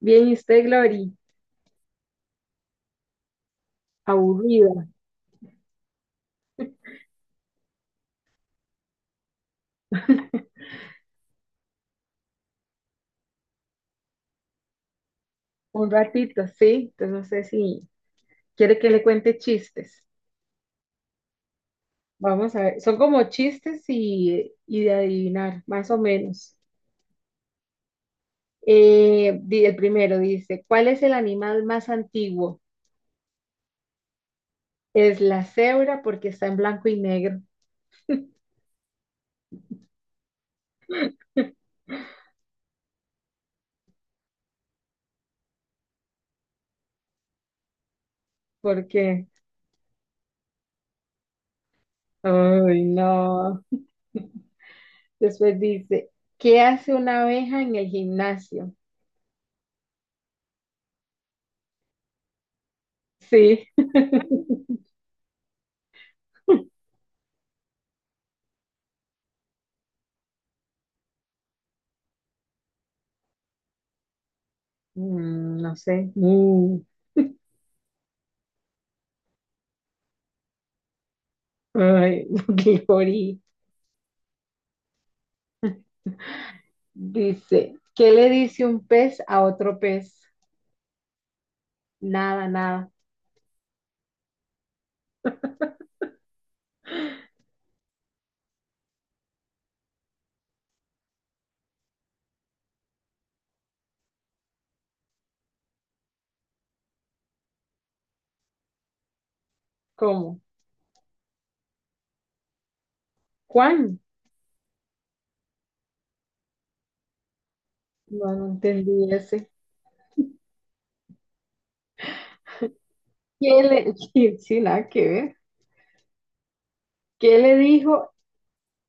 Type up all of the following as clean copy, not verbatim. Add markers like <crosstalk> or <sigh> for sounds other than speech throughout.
Bien, ¿y usted, Glory? Aburrida. Un ratito, sí. Entonces no sé si quiere que le cuente chistes. Vamos a ver. Son como chistes y de adivinar, más o menos. El primero dice, ¿cuál es el animal más antiguo? Es la cebra porque está en blanco y negro. Porque, ay, no. <laughs> Después dice, ¿qué hace una abeja en el gimnasio? Sí. No sé. Ay, <laughs> Glory. Dice, ¿qué le dice un pez a otro pez? Nada, nada. ¿Cómo? ¿Juan? No, no entendí ese. ¿Qué le, <laughs> sí, sí, nada que ver. ¿Qué le dijo,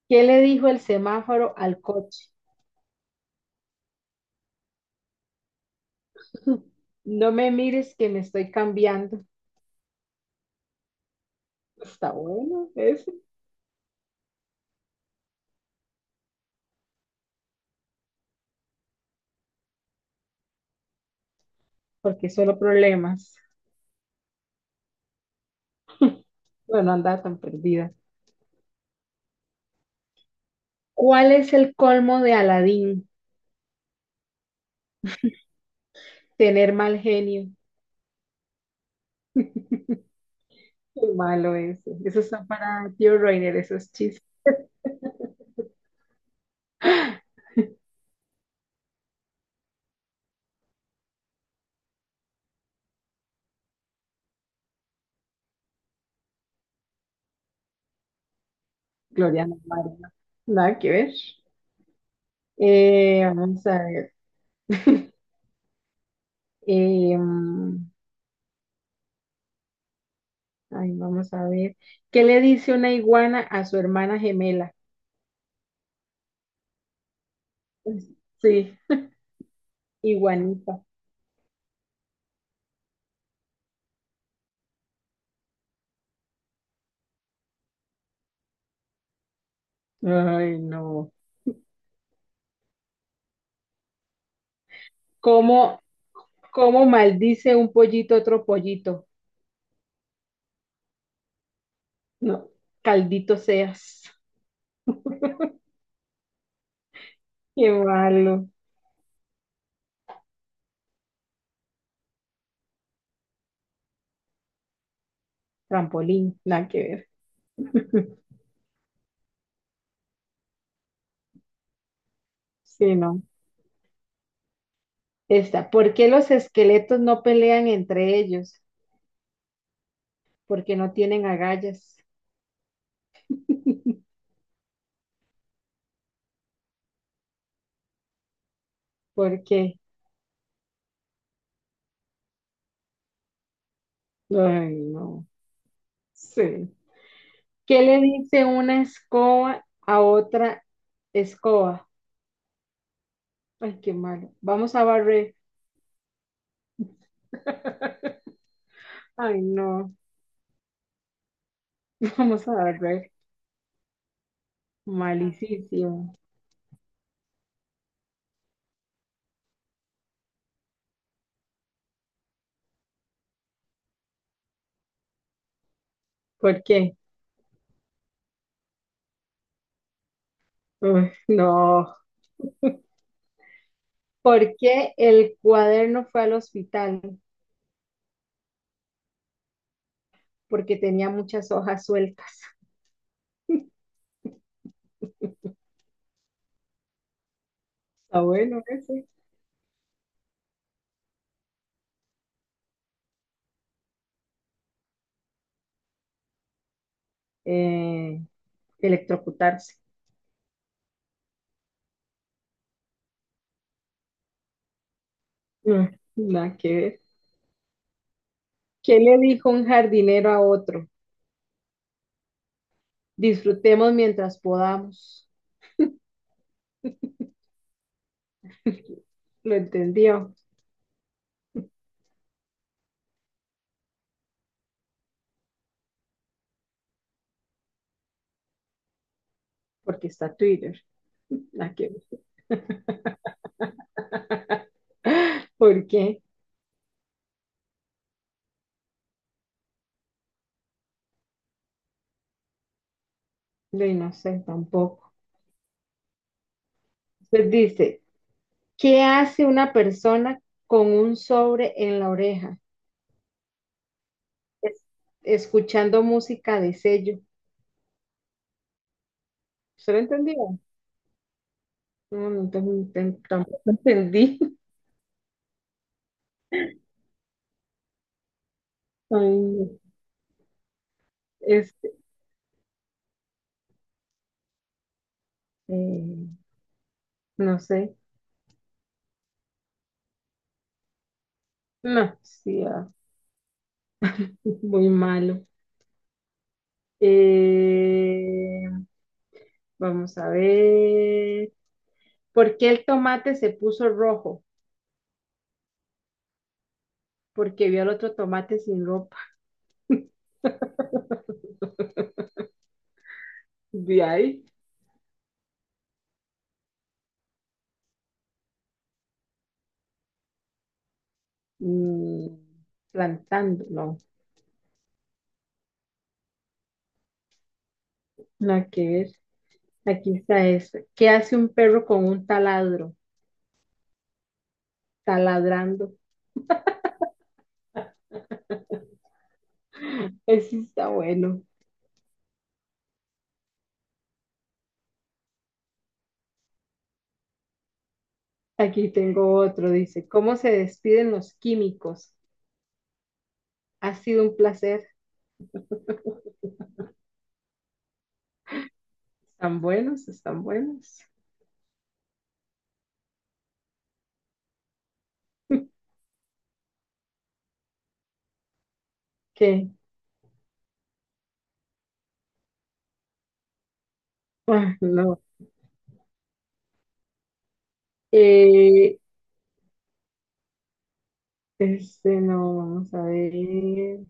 ¿qué le dijo el semáforo al coche? <laughs> No me mires que me estoy cambiando. Está bueno eso, porque solo problemas. Bueno, anda tan perdida. ¿Cuál es el colmo de Aladín? Tener mal genio. Qué malo ese. Eso está para tío Reiner, esos chistes. Gloria no, María, nada que ver. Vamos a ver. <laughs> Eh, mm, Ay, vamos a ver. ¿Qué le dice una iguana a su hermana gemela? Pues, sí, iguanita. Ay, no. ¿Cómo, ¿cómo maldice un pollito a otro pollito? No, caldito seas. Qué malo. Trampolín, nada que ver. <laughs> Sí, no. Esta. ¿Por qué los esqueletos no pelean entre ellos? Porque no tienen agallas. Porque, ay, no, sí. ¿Qué le dice una escoba a otra escoba? Ay, qué malo. Vamos a barrer. <laughs> Ay, no. Vamos a barrer. Malísimo. ¿Por qué? Uy, no. ¿Por qué el cuaderno fue al hospital? Porque tenía muchas hojas sueltas. Está bueno ese. Eh, Electrocutarse. Mm, Nada que ver. ¿Qué le dijo un jardinero a otro? Disfrutemos mientras podamos. Lo entendió, porque está Twitter. Aquí. <gasps> ¿Por qué? No sé, tampoco. Entonces dice, ¿qué hace una persona con un sobre en la oreja? Es- Escuchando música de sello. ¿Se lo entendió? No, tampoco entendí. <laughs> Ay, no. este, eh, no sé. No, sí, ah, muy malo. Eh, Vamos a ver. ¿Por qué el tomate se puso rojo? Porque vio al otro tomate sin ropa. De ahí, mm, plantando. No, nada que ver. Aquí está esta. ¿Qué hace un perro con un taladro? Taladrando. Ese está bueno. Aquí tengo otro. Dice, ¿cómo se despiden los químicos? Ha sido un placer. Están buenos, están buenos. ¿Qué? Ah, no. Eh, este no, vamos a ver.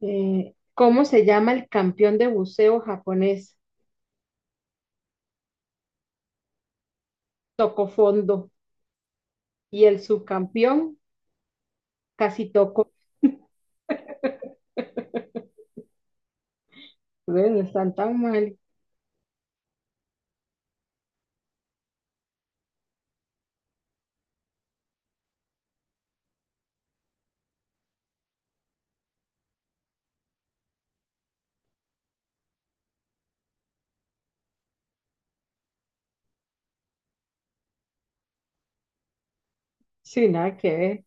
¿Cómo se llama el campeón de buceo japonés? Tocó fondo. Y el subcampeón casi tocó. Ve, no, <laughs> están tan mal. Sí, nada que ver.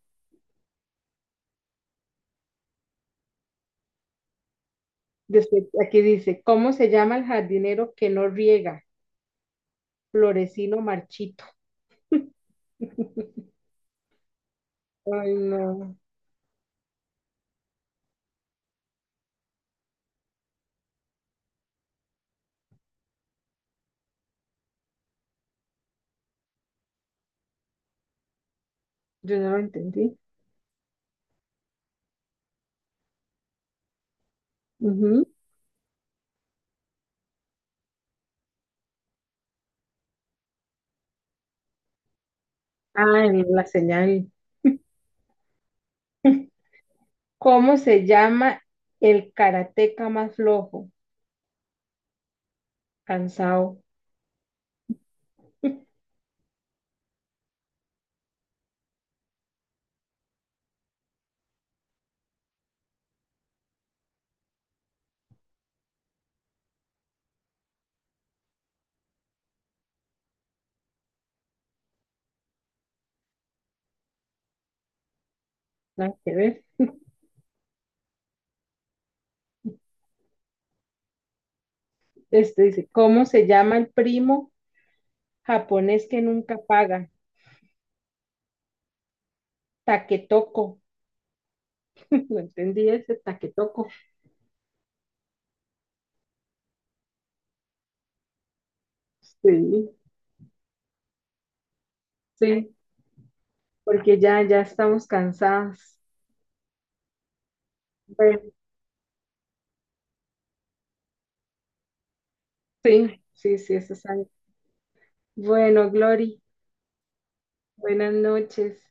Después, aquí dice, ¿cómo se llama el jardinero que no riega? Florecino marchito. <laughs> Ay, no, yo no lo entendí. Ujú. Ah, en la señal. <laughs> ¿Cómo se llama el karateca más flojo? Cansado. <laughs> Nada que ver. Este dice, ¿cómo se llama el primo? Japonés que nunca paga. Taquetoco. <laughs> No entendí ese taquetoco. Sí, sí, porque ya estamos cansados. Bueno, sí, sí, sí, eso es algo. Bueno, Glory, buenas noches.